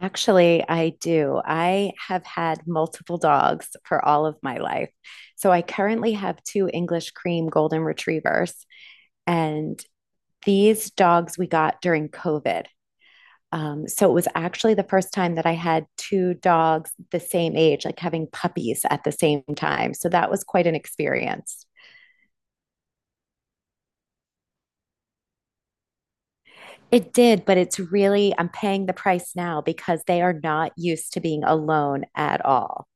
Actually, I do. I have had multiple dogs for all of my life. So I currently have two English cream golden retrievers, and these dogs we got during COVID. So it was actually the first time that I had two dogs the same age, like having puppies at the same time. So that was quite an experience. It did, but it's really, I'm paying the price now because they are not used to being alone at all.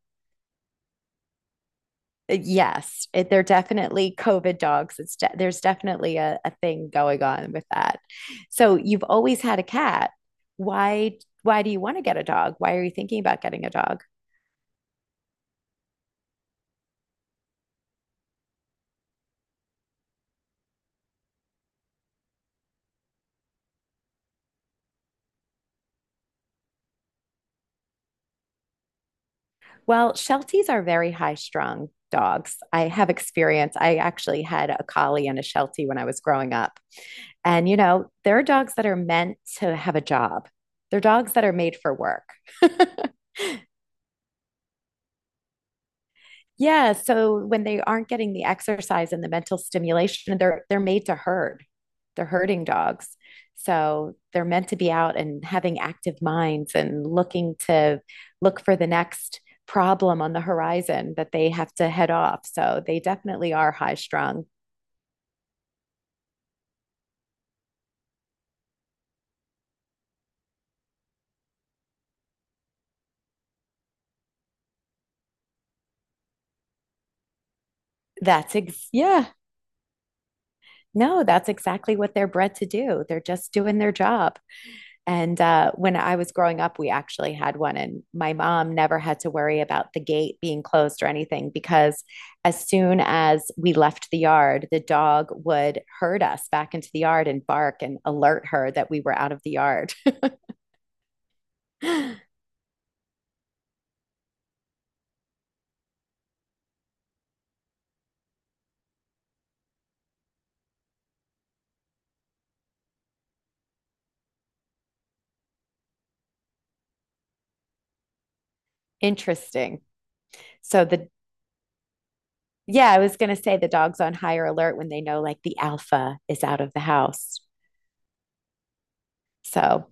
Yes, they're definitely COVID dogs. It's de There's definitely a thing going on with that. So you've always had a cat. Why do you want to get a dog? Why are you thinking about getting a dog? Well, Shelties are very high strung dogs. I have experience. I actually had a collie and a Sheltie when I was growing up. And there are dogs that are meant to have a job, they're dogs that are made for work. Yeah, so when they aren't getting the exercise and the mental stimulation, they're made to herd. They're herding dogs. So they're meant to be out and having active minds and look for the next problem on the horizon that they have to head off. So they definitely are high strung. Yeah. No, that's exactly what they're bred to do. They're just doing their job. And when I was growing up, we actually had one, and my mom never had to worry about the gate being closed or anything because as soon as we left the yard, the dog would herd us back into the yard and bark and alert her that we were out of the yard. Interesting. So, the yeah, I was going to say the dog's on higher alert when they know like the alpha is out of the house. So,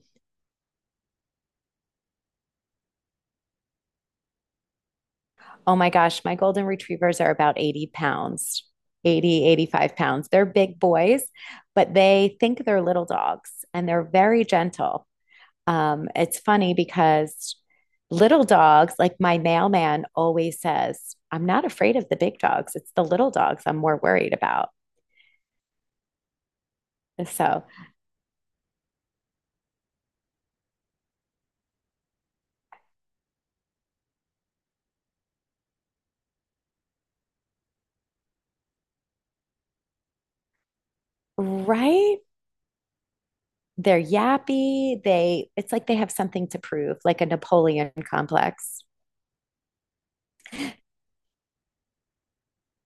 oh my gosh, my golden retrievers are about 80 pounds, 80, 85 pounds. They're big boys, but they think they're little dogs and they're very gentle. It's funny because little dogs, like my mailman always says, I'm not afraid of the big dogs. It's the little dogs I'm more worried about. So, right? They're yappy. It's like they have something to prove, like a Napoleon complex.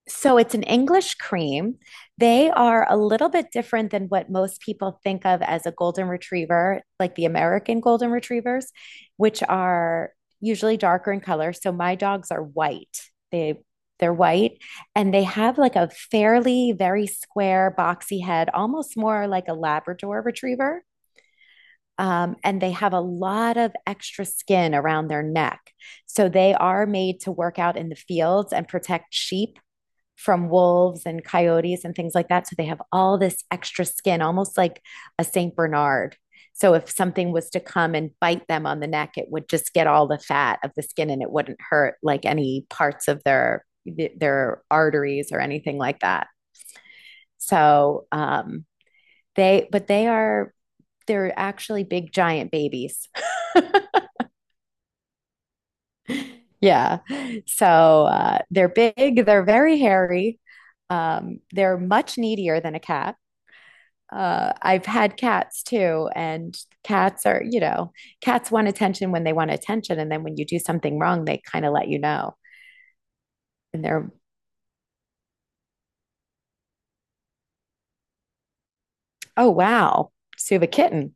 So it's an English cream. They are a little bit different than what most people think of as a golden retriever, like the American golden retrievers, which are usually darker in color. So my dogs are white. They they're white and they have like a fairly very square boxy head, almost more like a Labrador retriever. And they have a lot of extra skin around their neck. So they are made to work out in the fields and protect sheep from wolves and coyotes and things like that. So they have all this extra skin, almost like a St. Bernard. So if something was to come and bite them on the neck, it would just get all the fat of the skin and it wouldn't hurt like any parts of their arteries or anything like that. So they but they are they're actually big giant babies. Yeah. They're big, they're very hairy. They're much needier than a cat. I've had cats too, and cats are, cats want attention when they want attention, and then when you do something wrong, they kind of let you know. and they're, oh wow, so you have a kitten.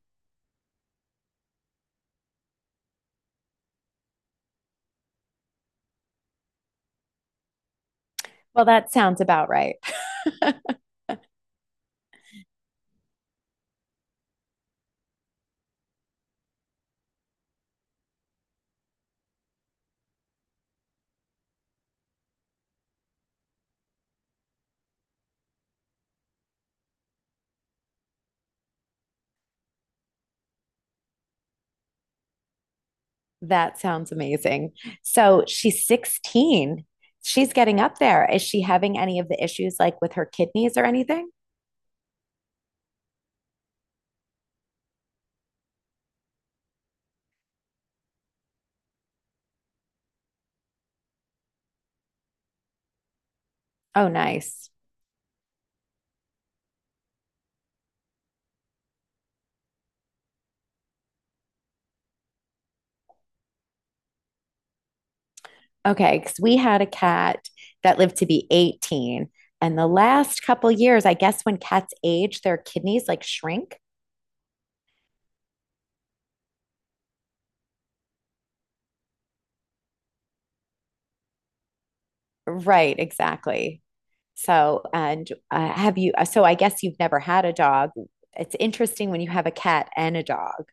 Well, that sounds about right. That sounds amazing. So she's 16. She's getting up there. Is she having any of the issues like with her kidneys or anything? Oh, nice. Okay, because we had a cat that lived to be 18. And the last couple years, I guess when cats age, their kidneys like shrink. Right, exactly. So, so I guess you've never had a dog. It's interesting when you have a cat and a dog.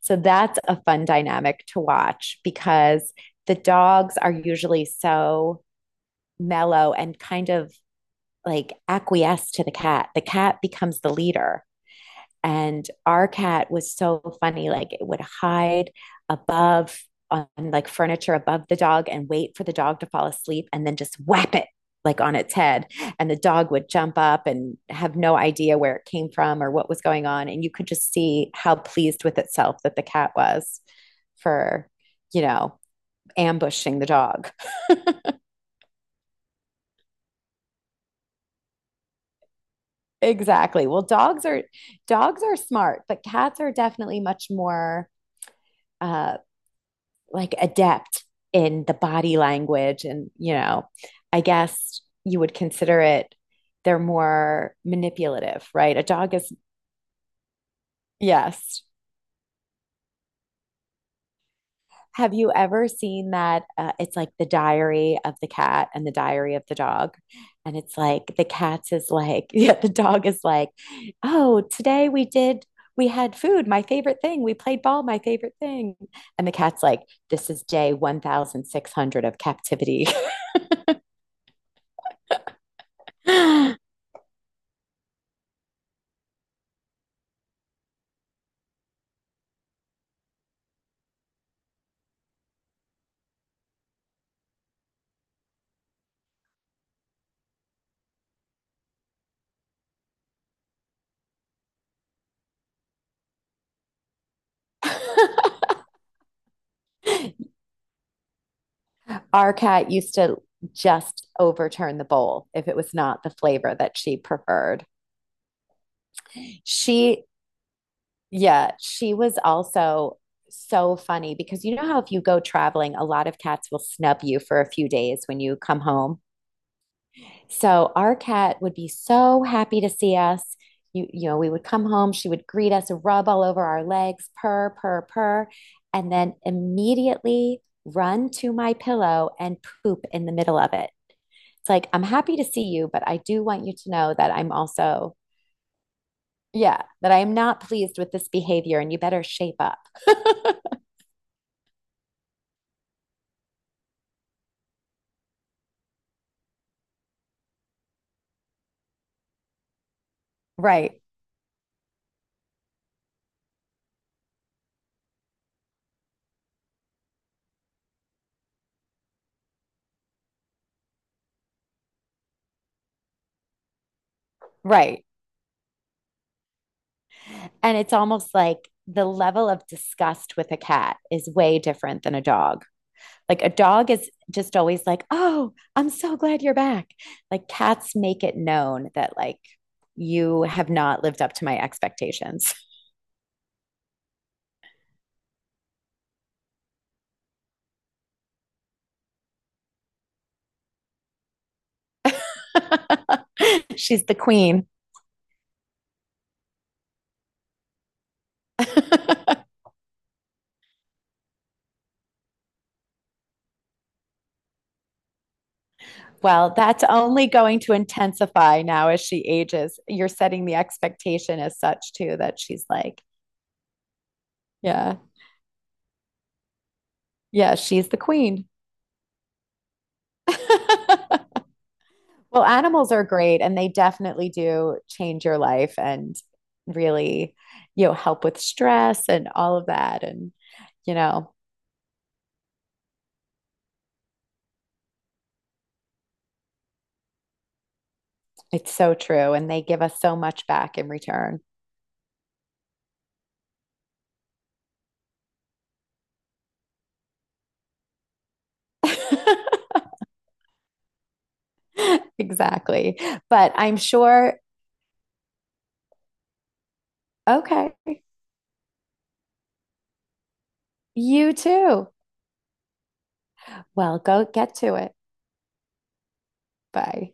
So that's a fun dynamic to watch because the dogs are usually so mellow and kind of like acquiesce to the cat. The cat becomes the leader. And our cat was so funny. Like it would hide above on like furniture above the dog and wait for the dog to fall asleep and then just whap it like on its head. And the dog would jump up and have no idea where it came from or what was going on. And you could just see how pleased with itself that the cat was for, you know, ambushing the dog. Exactly. Well, dogs are smart, but cats are definitely much more uh like adept in the body language and I guess you would consider it, they're more manipulative. Right? a dog is Yes. Have you ever seen that, it's like the diary of the cat and the diary of the dog, and it's like the cat's is like yeah, the dog is like, oh, today we had food, my favorite thing. We played ball, my favorite thing. And the cat's like, this is day 1,600 of captivity. Our cat used to just overturn the bowl if it was not the flavor that she preferred. She, yeah, she was also so funny because you know how if you go traveling, a lot of cats will snub you for a few days when you come home. So our cat would be so happy to see us. We would come home, she would greet us, rub all over our legs, purr, purr, purr, and then immediately run to my pillow and poop in the middle of it. It's like, I'm happy to see you, but I do want you to know that I'm also, yeah, that I am not pleased with this behavior and you better shape up. Right. Right. And it's almost like the level of disgust with a cat is way different than a dog. Like a dog is just always like, oh, I'm so glad you're back. Like cats make it known that, like, you have not lived up to my expectations. She's the queen. Well, that's only going to intensify now as she ages. You're setting the expectation as such, too, that she's like, yeah, yeah, she's the queen. Well, animals are great and they definitely do change your life and really, help with stress and all of that. And, you know, it's so true. And they give us so much back in return. Exactly. But I'm sure, okay, you too. Well, go get to it. Bye.